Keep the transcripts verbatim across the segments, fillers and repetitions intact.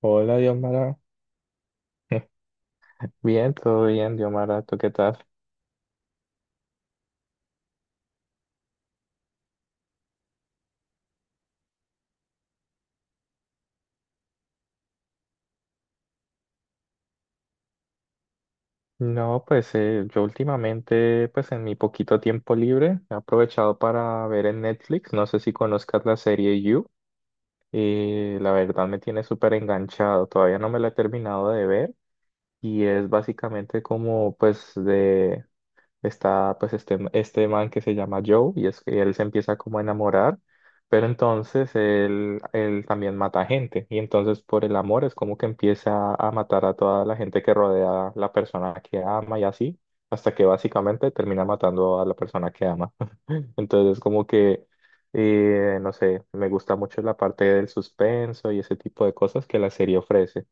Hola, Diomara. Bien, todo bien, Diomara. ¿Tú qué tal? No, pues eh, yo últimamente, pues en mi poquito tiempo libre, he aprovechado para ver en Netflix. No sé si conozcas la serie You. Y la verdad me tiene súper enganchado. Todavía no me la he terminado de ver. Y es básicamente como, pues, de está pues este, este man que se llama Joe, y es que él se empieza como a enamorar, pero entonces él, él también mata gente, y entonces por el amor es como que empieza a matar a toda la gente que rodea a la persona que ama y así, hasta que básicamente termina matando a la persona que ama. Entonces es como que, eh, no sé, me gusta mucho la parte del suspenso y ese tipo de cosas que la serie ofrece.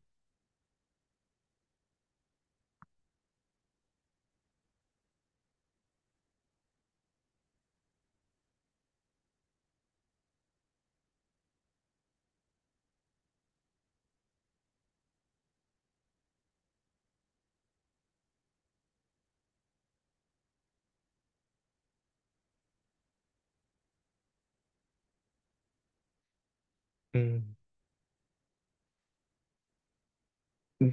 Mm.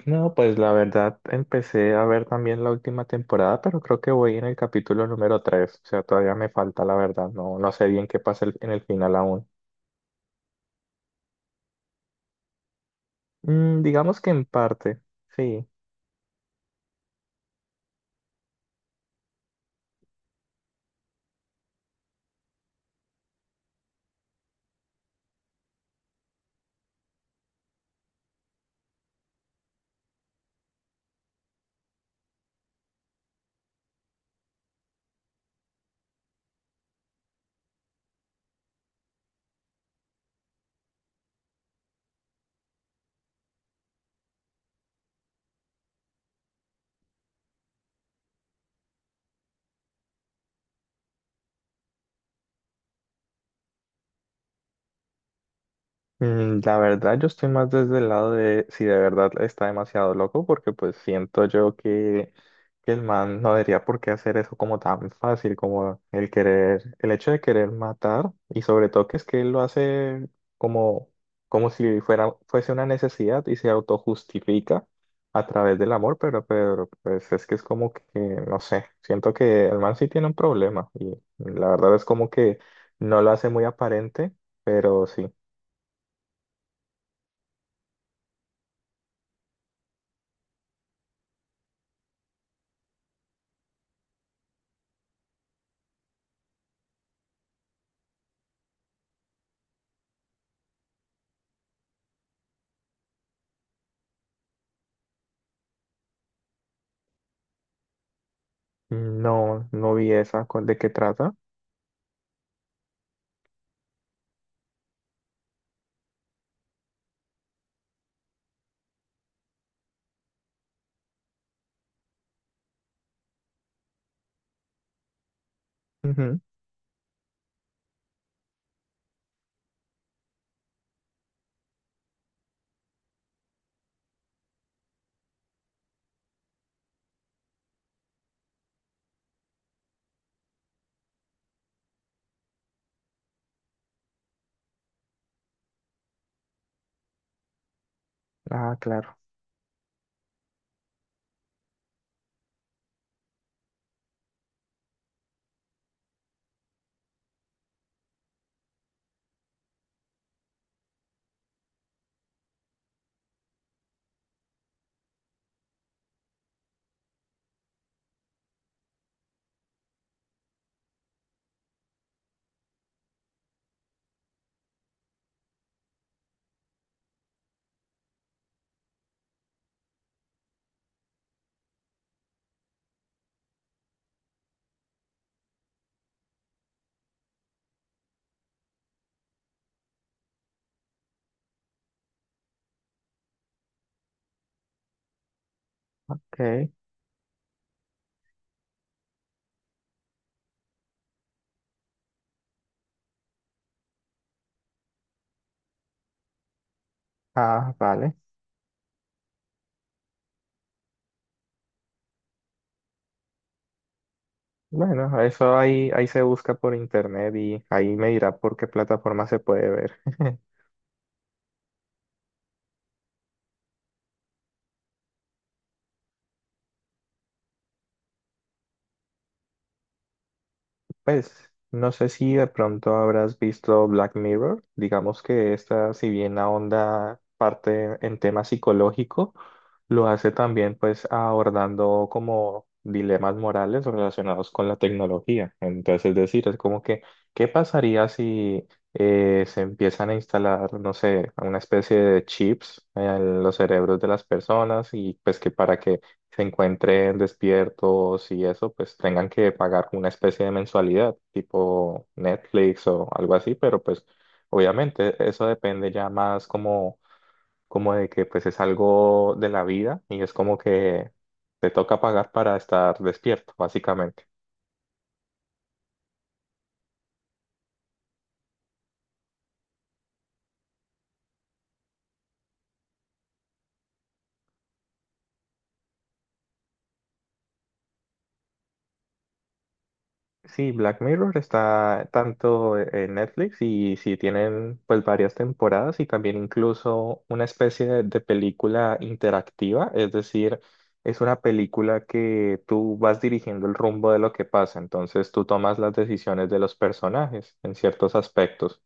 No, pues la verdad empecé a ver también la última temporada, pero creo que voy en el capítulo número tres, o sea, todavía me falta la verdad, no, no sé bien qué pasa el- en el final aún. Mm, digamos que en parte, sí. Mm, la verdad, yo estoy más desde el lado de si de verdad está demasiado loco, porque pues siento yo que, que el man no debería por qué hacer eso como tan fácil, como el querer, el hecho de querer matar, y sobre todo que es que él lo hace como, como si fuera, fuese una necesidad y se autojustifica a través del amor, pero, pero pues es que es como que, no sé, siento que el man sí tiene un problema, y la verdad es como que no lo hace muy aparente, pero sí. Mm, no, no vi esa. ¿Cu- ¿De qué trata? Ujú. Ah, claro. Ok. Ah, vale. Bueno, eso ahí, ahí se busca por internet y ahí me dirá por qué plataforma se puede ver. Pues no sé si de pronto habrás visto Black Mirror. Digamos que esta, si bien ahonda parte en tema psicológico, lo hace también pues abordando como dilemas morales relacionados con la tecnología. Entonces, es decir, es como que, ¿qué pasaría si eh, se empiezan a instalar, no sé, una especie de chips en los cerebros de las personas y pues que para que se encuentren despiertos y eso, pues tengan que pagar una especie de mensualidad, tipo Netflix o algo así? Pero pues obviamente eso depende ya más como, como de que pues es algo de la vida y es como que te toca pagar para estar despierto, básicamente. Sí, Black Mirror está tanto e-, en Netflix, y sí tienen pues varias temporadas y también incluso una especie de, de película interactiva, es decir, es una película que tú vas dirigiendo el rumbo de lo que pasa, entonces tú tomas las decisiones de los personajes en ciertos aspectos.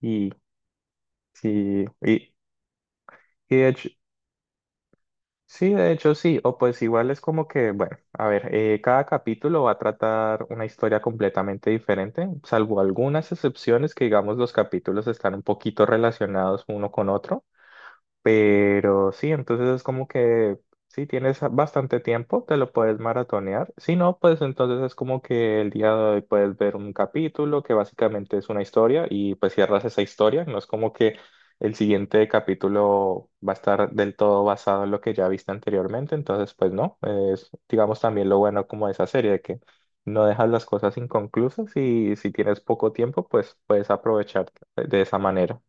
Y sí, y, y de hecho, sí, de hecho sí, o pues igual es como que, bueno, a ver, eh, cada capítulo va a tratar una historia completamente diferente, salvo algunas excepciones que digamos los capítulos están un poquito relacionados uno con otro. Pero sí, entonces es como que si tienes bastante tiempo, te lo puedes maratonear. Si no, pues entonces es como que el día de hoy puedes ver un capítulo que básicamente es una historia y pues cierras esa historia. No es como que el siguiente capítulo va a estar del todo basado en lo que ya viste anteriormente. Entonces, pues no, es digamos también lo bueno como de esa serie, de que no dejas las cosas inconclusas y si tienes poco tiempo, pues puedes aprovechar de esa manera.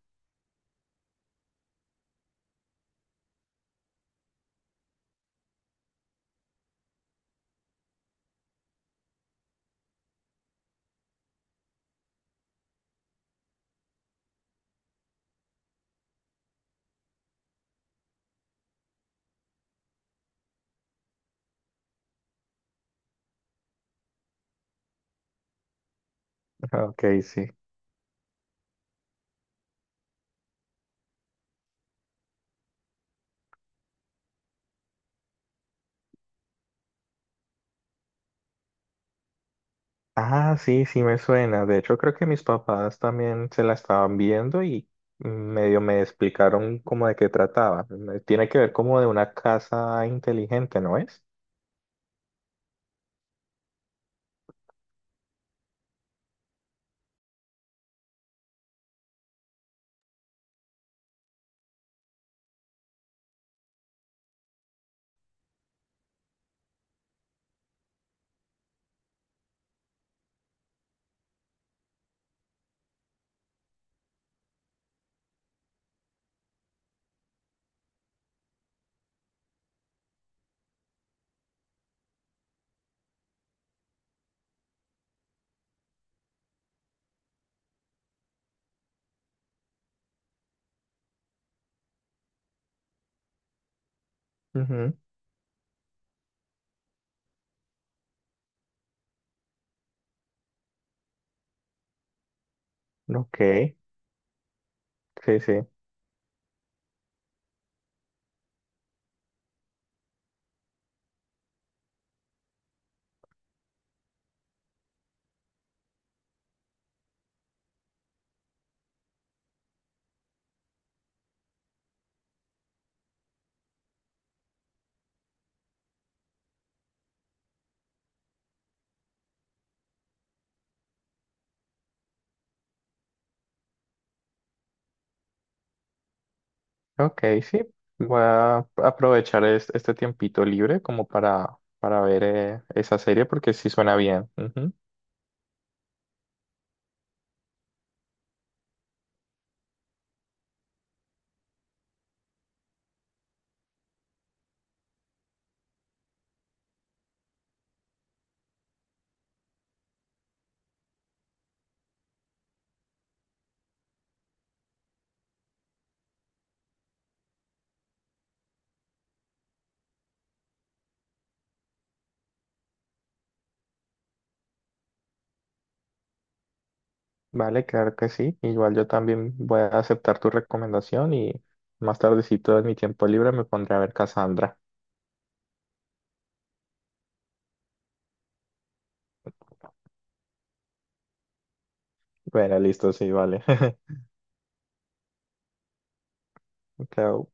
Ok, sí. Ah, sí, sí me suena. De hecho, creo que mis papás también se la estaban viendo y medio me explicaron como de qué trataba. Me- tiene que ver como de una casa inteligente, ¿no es? Ujú, ok, sí, sí. Ok, sí. Voy a aprovechar es- este tiempito libre como para, para ver eh, esa serie porque sí suena bien. Ujú. Vale, claro que sí. Igual yo también voy a aceptar tu recomendación y más tardecito en mi tiempo libre me pondré a ver Cassandra. Bueno, listo, sí, vale. Claro,